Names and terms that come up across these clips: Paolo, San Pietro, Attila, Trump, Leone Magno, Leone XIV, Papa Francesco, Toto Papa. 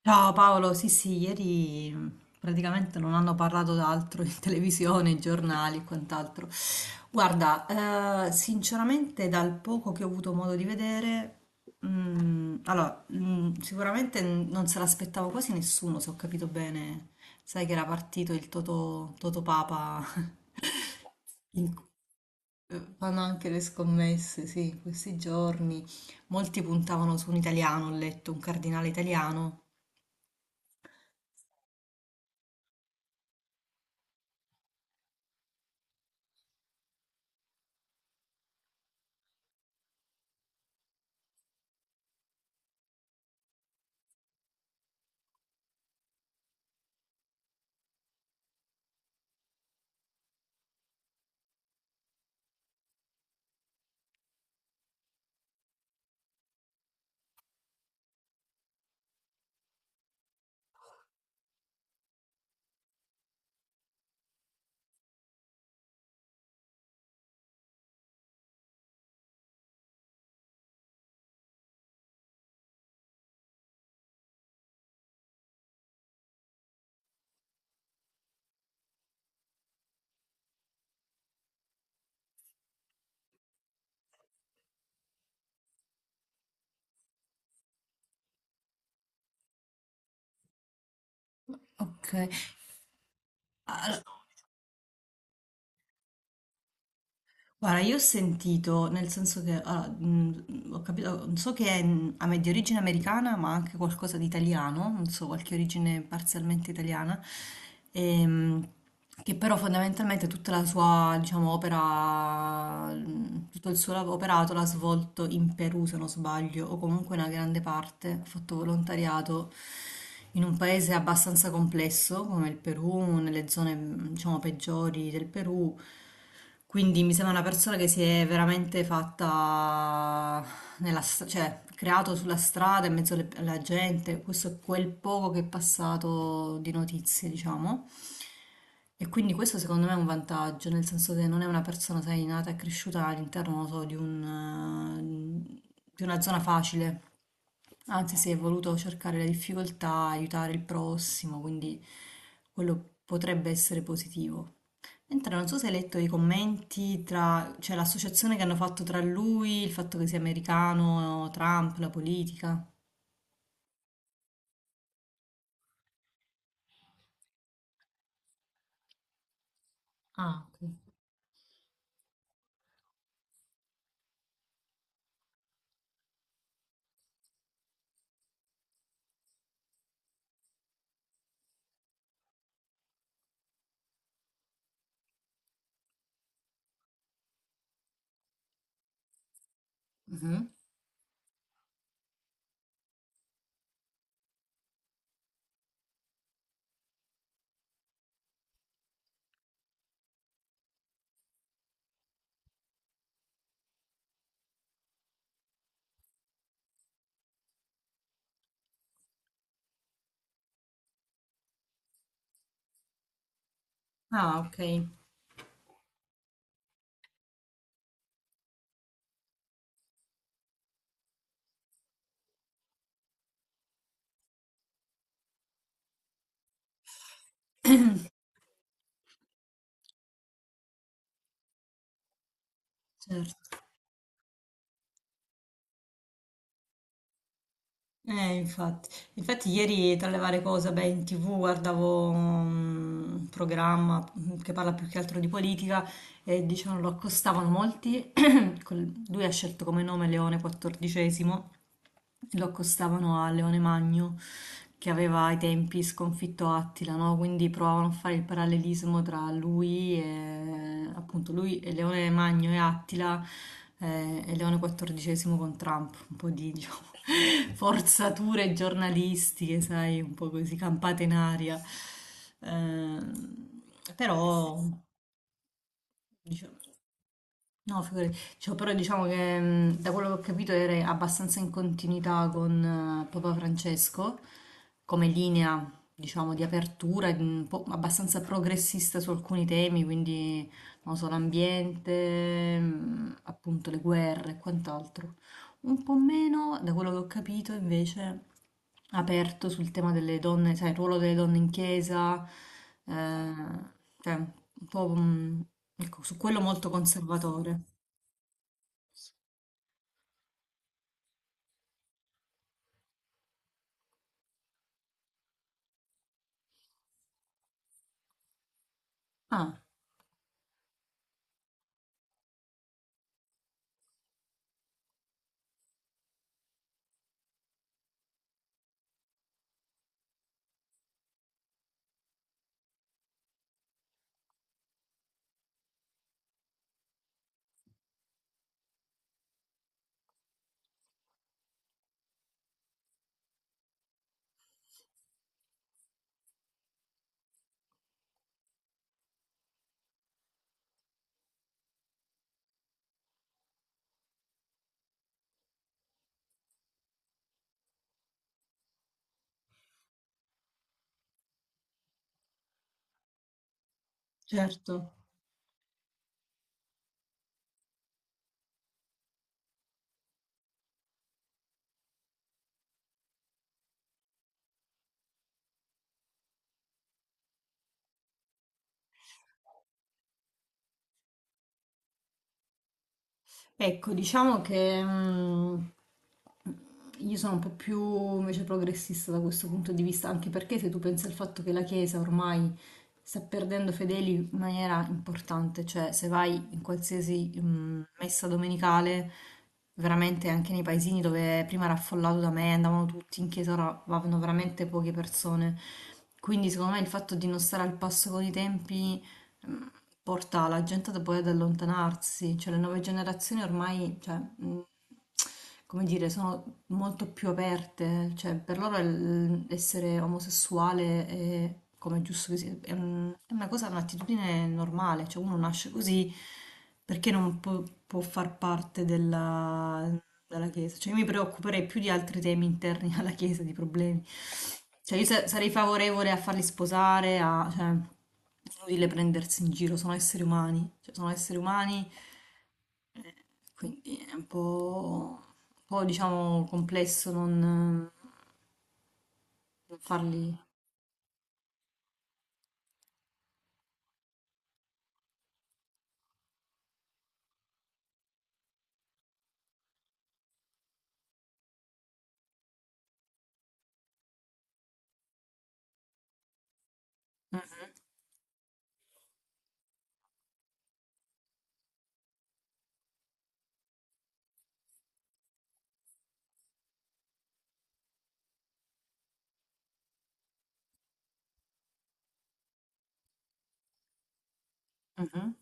Ciao Paolo, sì sì, ieri praticamente non hanno parlato d'altro in televisione, i giornali e quant'altro. Guarda, sinceramente dal poco che ho avuto modo di vedere, sicuramente non se l'aspettava quasi nessuno, se ho capito bene. Sai che era partito il Toto Papa, in- fanno anche le scommesse, sì, in questi giorni. Molti puntavano su un italiano, ho letto, un cardinale italiano. Ok. Allora, guarda, io ho sentito, nel senso che allora, ho capito, so che è di origine americana, ma anche qualcosa di italiano, non so, qualche origine parzialmente italiana, ehm, che però fondamentalmente tutta la sua, diciamo, opera, tutto il suo operato l'ha svolto in Perù, se non sbaglio, o comunque una grande parte, ha fatto volontariato in un paese abbastanza complesso come il Perù, nelle zone, diciamo, peggiori del Perù. Quindi mi sembra una persona che si è veramente fatta cioè creato sulla strada in mezzo alla gente. Questo è quel poco che è passato di notizie, diciamo. E quindi questo secondo me è un vantaggio, nel senso che non è una persona, sai, nata e cresciuta all'interno, non so, di di una zona facile. Anzi, si è voluto cercare le difficoltà, aiutare il prossimo, quindi quello potrebbe essere positivo. Entra, non so se hai letto i commenti tra, cioè l'associazione che hanno fatto tra lui, il fatto che sia americano, Trump, la politica. Ah, ok. Mhm. Ah, ok, certo. Infatti. Infatti ieri tra le varie cose, beh, in TV guardavo un programma che parla più che altro di politica e dicevano lo accostavano molti. Lui ha scelto come nome Leone XIV, lo accostavano a Leone Magno che aveva ai tempi sconfitto Attila, no? Quindi provavano a fare il parallelismo tra lui e appunto lui e Leone Magno e Attila e Leone XIV con Trump, un po' di diciamo, forzature giornalistiche, sai, un po' così campate in aria. Eh, però diciamo. No, figurati. Cioè, però diciamo che da quello che ho capito era abbastanza in continuità con Papa Francesco, come linea, diciamo, di apertura, di un po' abbastanza progressista su alcuni temi, quindi, non so, l'ambiente, appunto le guerre e quant'altro. Un po' meno, da quello che ho capito, invece, aperto sul tema delle donne, sai, il ruolo delle donne in chiesa, eh, cioè, un po', mhmm, ecco, su quello molto conservatore. Ah, certo. Ecco, diciamo che io sono un po' più invece progressista da questo punto di vista, anche perché se tu pensi al fatto che la Chiesa ormai sta perdendo fedeli in maniera importante, cioè se vai in qualsiasi messa domenicale, veramente anche nei paesini dove prima era affollato da me, andavano tutti in chiesa, ora vanno veramente poche persone. Quindi secondo me il fatto di non stare al passo con i tempi mhmm, porta la gente da poi ad allontanarsi, cioè le nuove generazioni ormai, cioè, mhmm, come dire, sono molto più aperte, cioè per loro essere omosessuale è come è giusto che sia, è è una cosa, un'attitudine normale, cioè uno nasce così perché non può, può far parte della, della Chiesa, cioè io mi preoccuperei più di altri temi interni alla Chiesa, di problemi, cioè io sarei favorevole a farli sposare, a, cioè, inutile prendersi in giro, sono esseri umani, cioè sono esseri umani quindi è un po', diciamo complesso non, non farli. Mm, mhm.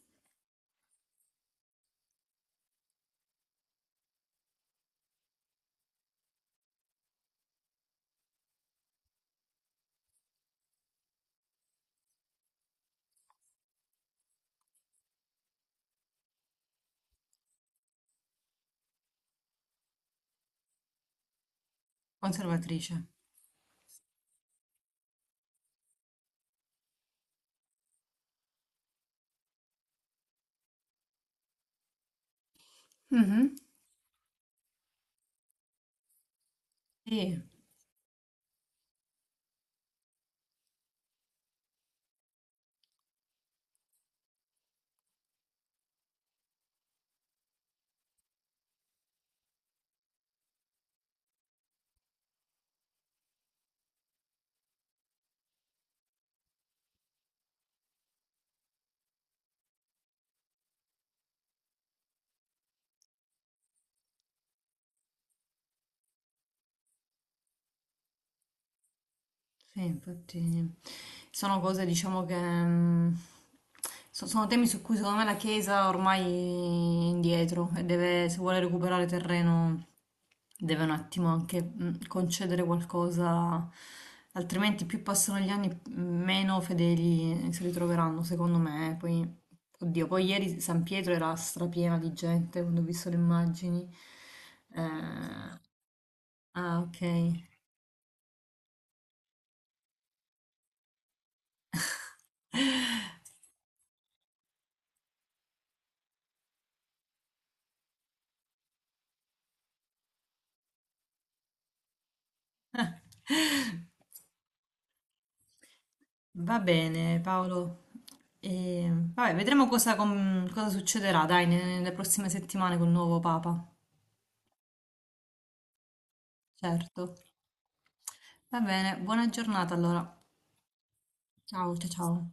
Conservatrice. Mhm. Sì. Sì, infatti sono cose, diciamo che mm, sono temi su cui secondo me la Chiesa ormai è indietro e deve, se vuole recuperare terreno, deve un attimo anche concedere qualcosa, altrimenti più passano gli anni, meno fedeli si ritroveranno, secondo me. Poi, oddio, poi ieri San Pietro era strapiena di gente quando ho visto le immagini. Eh, ah, ok. Va bene, Paolo. E, vabbè, vedremo cosa, cosa succederà, dai, nelle prossime settimane col nuovo Papa. Certo. Va bene, buona giornata allora. Ciao, ciao, ciao.